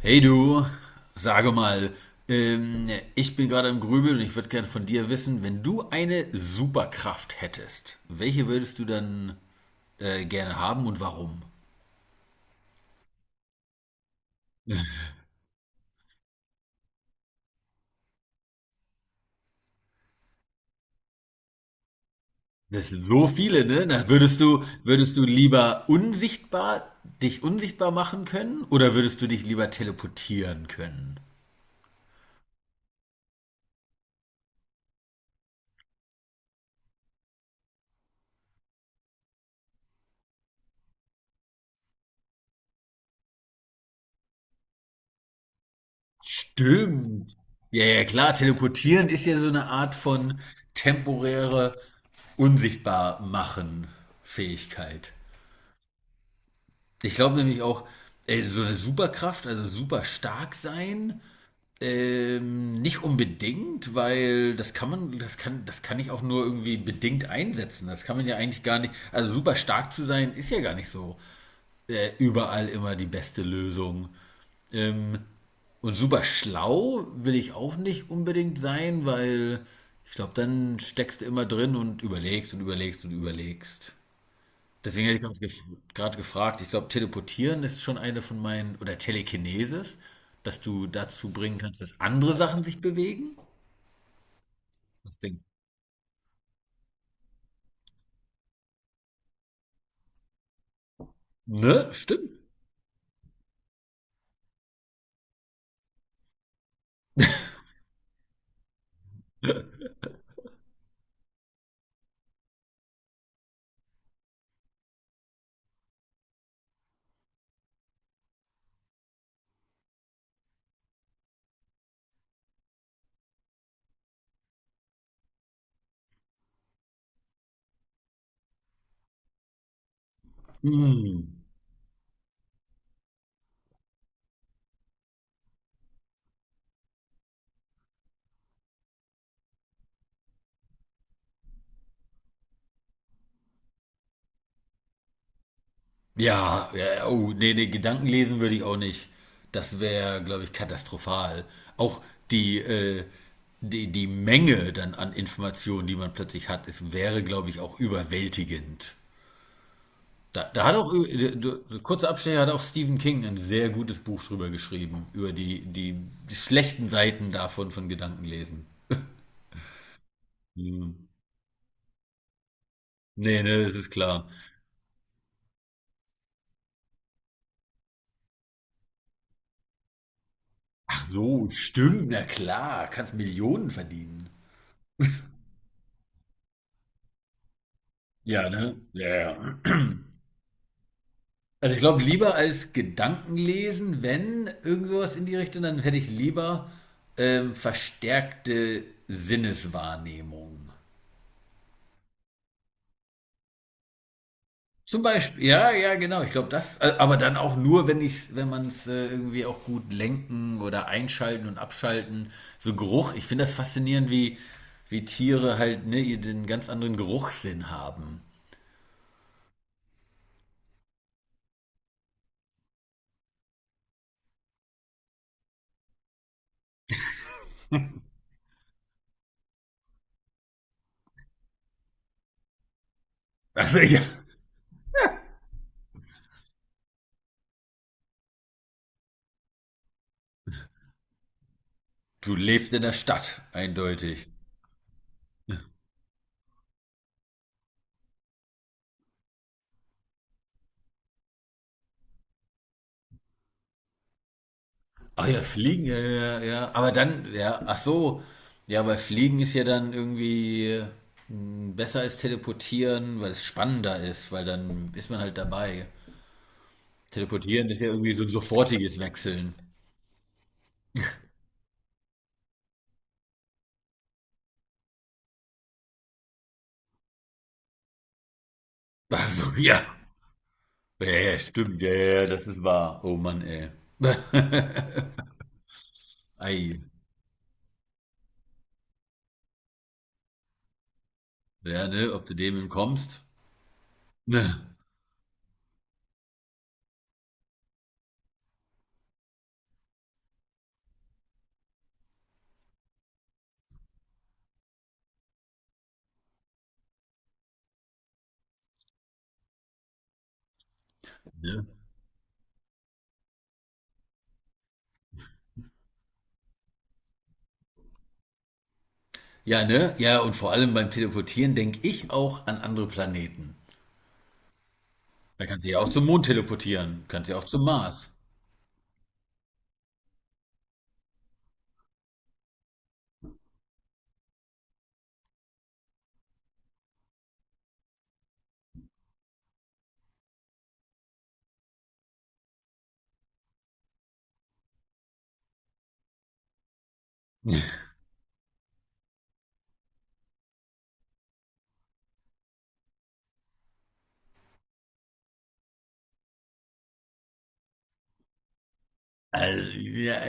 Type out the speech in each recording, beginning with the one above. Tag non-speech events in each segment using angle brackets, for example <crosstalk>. Hey du, sage mal, ähm, ich bin gerade im Grübeln und ich würde gerne von dir wissen, wenn du eine Superkraft hättest, welche würdest du dann gerne haben und warum? Das sind so viele, ne? Na, würdest du lieber unsichtbar, dich unsichtbar machen können oder würdest du dich lieber teleportieren können? Stimmt. Ja, ja, klar, teleportieren ist ja so eine Art von temporäre Unsichtbar machen Fähigkeit. Ich glaube nämlich auch, ey, so eine Superkraft, also super stark sein, nicht unbedingt, weil das kann man, das kann ich auch nur irgendwie bedingt einsetzen. Das kann man ja eigentlich gar nicht. Also super stark zu sein, ist ja gar nicht so überall immer die beste Lösung. Ähm, und super schlau will ich auch nicht unbedingt sein, weil ich glaube, dann steckst du immer drin und überlegst und überlegst und überlegst. Deswegen hätte ich uns gef gerade gefragt, ich glaube, teleportieren ist schon eine von meinen, oder Telekinesis, dass du dazu bringen kannst, dass andere Sachen sich bewegen. Das Ding. Ne? Stimmt. Hm. Ja, ja, oh, nee, nee, Gedanken lesen würde ich auch nicht. Das wäre, glaube ich, katastrophal. Auch die, äh, die Menge dann an Informationen, die man plötzlich hat, es wäre, glaube ich, auch überwältigend. Da hat auch, kurzer Abstecher, hat auch Stephen King ein sehr gutes Buch drüber geschrieben, über die schlechten Seiten davon von Gedankenlesen. Hm. Nee, ne, das ist klar. Ach so, stimmt, na klar, kannst Millionen verdienen. Ja, ne? Ja, ja. Also ich glaube, lieber als Gedankenlesen, wenn irgend sowas in die Richtung, dann hätte ich lieber verstärkte Sinneswahrnehmung. Zum Beispiel, ja, ja, genau. Ich glaube, aber dann auch nur, wenn man es irgendwie auch gut lenken oder einschalten und abschalten. So Geruch, ich finde das faszinierend, wie Tiere halt ne, ihr den ganz anderen Geruchssinn haben. Also ja, du lebst in der Stadt, eindeutig. Ach ja, Fliegen, ja, ja, ja. ja. Aber dann, ja, ach so, ja, weil Fliegen ist ja dann irgendwie besser als Teleportieren, weil es spannender ist, weil dann ist man halt dabei. Teleportieren ist ja irgendwie so ein sofortiges Wechseln. Ach so, ja. Ja, ja, stimmt. Ja, ja, ja, das ist wahr. Oh Mann, ey. <laughs> Ei. Ja, ne, ob du dem entkommst. Ne. Ne. Ja, ne? Ja, und vor allem beim Teleportieren denke ich auch an andere Planeten. Da kannst du ja auch zum Mond teleportieren. Kannst ja auch zum Mars. <laughs> Also, ja,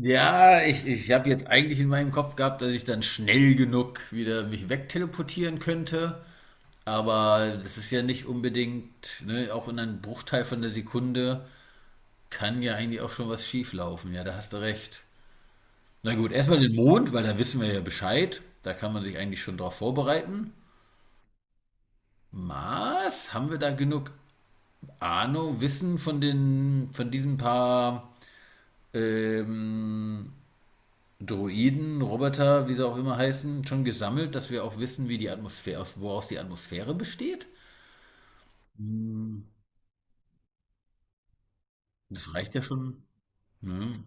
ja ich, ich habe jetzt eigentlich in meinem Kopf gehabt, dass ich dann schnell genug wieder mich wegteleportieren könnte. Aber das ist ja nicht unbedingt, ne, auch in einem Bruchteil von der Sekunde kann ja eigentlich auch schon was schief laufen. Ja, da hast du recht. Na gut, erstmal den Mond, weil da wissen wir ja Bescheid. Da kann man sich eigentlich schon drauf vorbereiten. Mars, haben wir da genug Ahnung, Wissen von von diesen paar ähm, Droiden, Roboter, wie sie auch immer heißen, schon gesammelt, dass wir auch wissen, wie die Atmosphäre, woraus die Atmosphäre besteht? Hm, das reicht ja schon. Ne?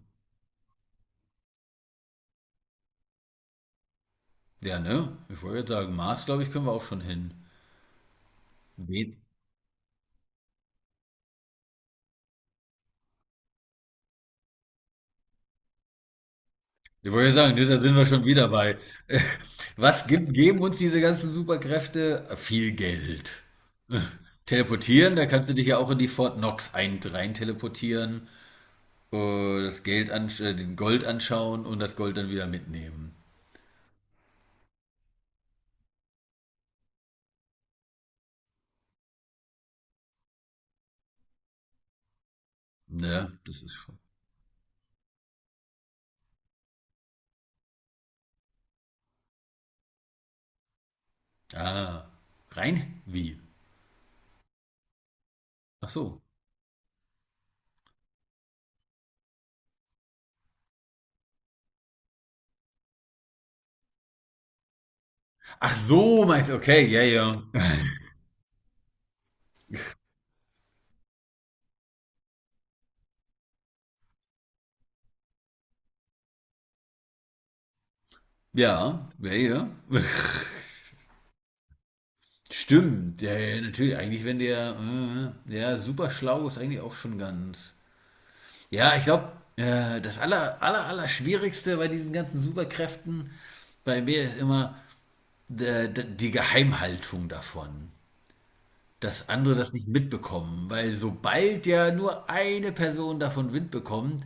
Ja, ne? Ich wollte jetzt sagen, Mars, glaube ich, können wir auch schon hin. Wen? Ich wollte jetzt sagen, ne, da sind wir schon wieder bei. <laughs> Was gibt, geben uns diese ganzen Superkräfte? Viel Geld. Teleportieren, da kannst du dich ja auch in die Fort Knox rein teleportieren, den Gold anschauen und das Gold dann wieder mitnehmen. Ne? Das ist schon. Ah. Rein? Wie? Ach so. Ach so, meinst du, okay, ja, ja. <laughs> Ja, ja, ja. <laughs> Stimmt, ja, ja, natürlich. Eigentlich, wenn der, ja, super schlau ist eigentlich auch schon ganz. Ja, ich glaube, das aller Schwierigste bei diesen ganzen Superkräften bei mir ist immer die Geheimhaltung davon. Dass andere das nicht mitbekommen, weil sobald ja nur eine Person davon Wind bekommt,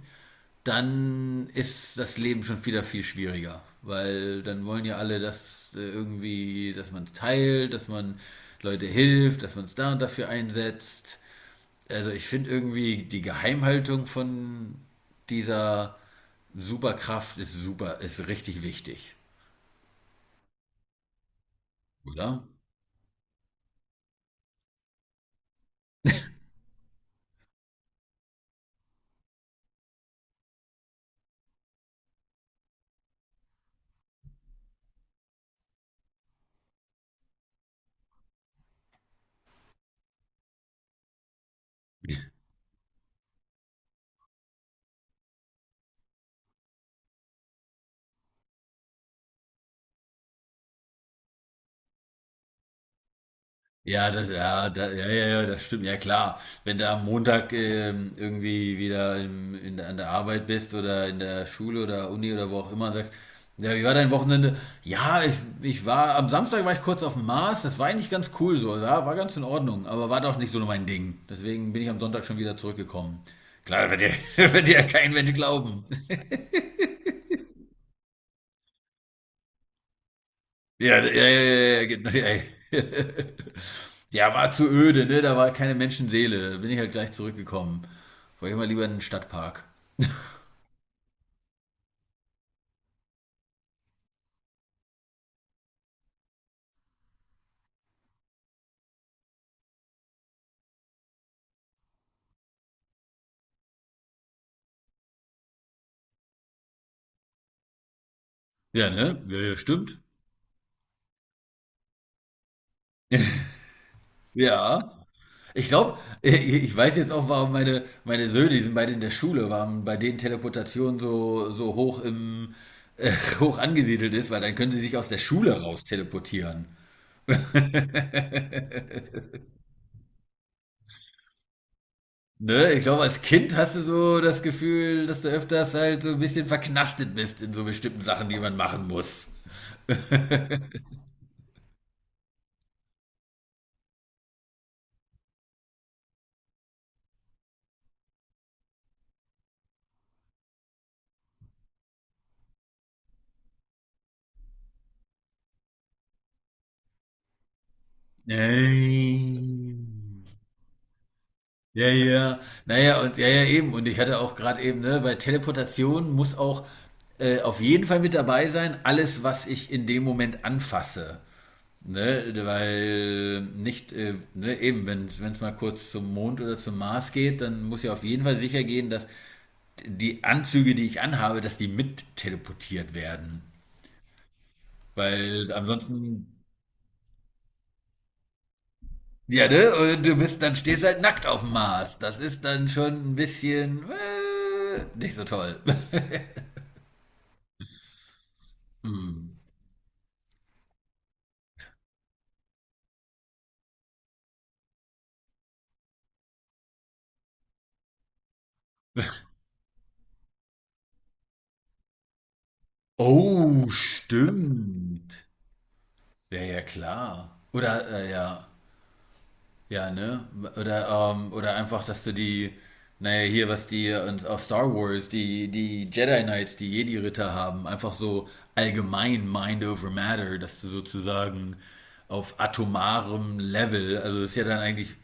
dann ist das Leben schon wieder viel schwieriger. Weil dann wollen ja alle, dass irgendwie, dass man es teilt, dass man Leute hilft, dass man es da und dafür einsetzt. Also ich finde irgendwie die Geheimhaltung von dieser Superkraft ist super, ist richtig wichtig, oder? Ja, ja, ja, ja, das stimmt, ja klar. Wenn du am Montag irgendwie an der Arbeit bist oder in der Schule oder Uni oder wo auch immer und sagst, ja, wie war dein Wochenende? Ja, ich, ich war, am Samstag war ich kurz auf dem Mars, das war eigentlich ganz cool so, ja, war ganz in Ordnung, aber war doch nicht so mein Ding. Deswegen bin ich am Sonntag schon wieder zurückgekommen. Klar, <laughs> wird dir ja kein Mensch glauben. Ja, ja, ja, ja, ja, genau, ja. <laughs> Ja, war zu öde, ne? Da war keine Menschenseele. Da bin ich halt gleich zurückgekommen. Wollte ich mal lieber in den Stadtpark. Ja, ne? Ja, ja, stimmt. Ja. Ich glaube, <laughs> ich weiß jetzt auch, warum meine Söhne, die sind beide in der Schule, warum bei denen Teleportation so hoch im <laughs> äh, hoch angesiedelt ist, weil dann können sie sich aus der Schule raus teleportieren. <laughs> Ne, ich glaube, als Kind hast du so das Gefühl, dass du öfters halt so ein bisschen verknastet bist in so bestimmten Sachen, die man machen muss. Nein. Ja, ja. Naja, und ja, ja, eben. Und ich hatte auch gerade eben, ne, bei Teleportation muss auch auf jeden Fall mit dabei sein, alles, was ich in dem Moment anfasse. Ne, weil nicht, ne, eben, wenn es mal kurz zum Mond oder zum Mars geht, dann muss ja auf jeden Fall sicher gehen, dass die Anzüge, die ich anhabe, dass die mit teleportiert werden. Weil ansonsten. Ja, ne? Und du bist, dann stehst halt nackt auf dem Mars. Das ist dann schon ein bisschen nicht so toll. <laughs> Hm. Oh, stimmt. Ja, ja, klar. Oder, ja, ja, ne? Oder einfach, dass du die, naja, hier, was die uns auf Star Wars, die Jedi Knights, die Jedi-Ritter haben, einfach so allgemein Mind over Matter, dass du sozusagen auf atomarem Level, also das ist ja dann eigentlich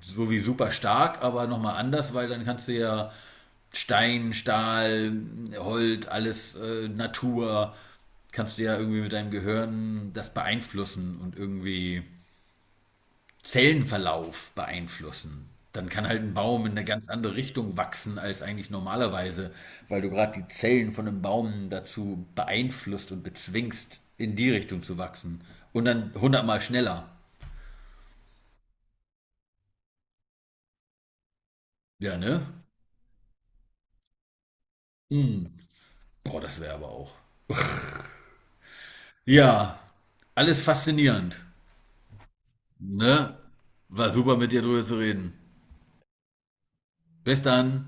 so wie super stark, aber nochmal anders, weil dann kannst du ja Stein, Stahl, Holz, alles Natur, kannst du ja irgendwie mit deinem Gehirn das beeinflussen und irgendwie Zellenverlauf beeinflussen. Dann kann halt ein Baum in eine ganz andere Richtung wachsen als eigentlich normalerweise, weil du gerade die Zellen von einem Baum dazu beeinflusst und bezwingst, in die Richtung zu wachsen. Und dann hundertmal schneller. Ja, ne? Mm. Boah, das wäre aber auch. Ja, alles faszinierend. Ne? War super mit dir drüber zu reden. Bis dann.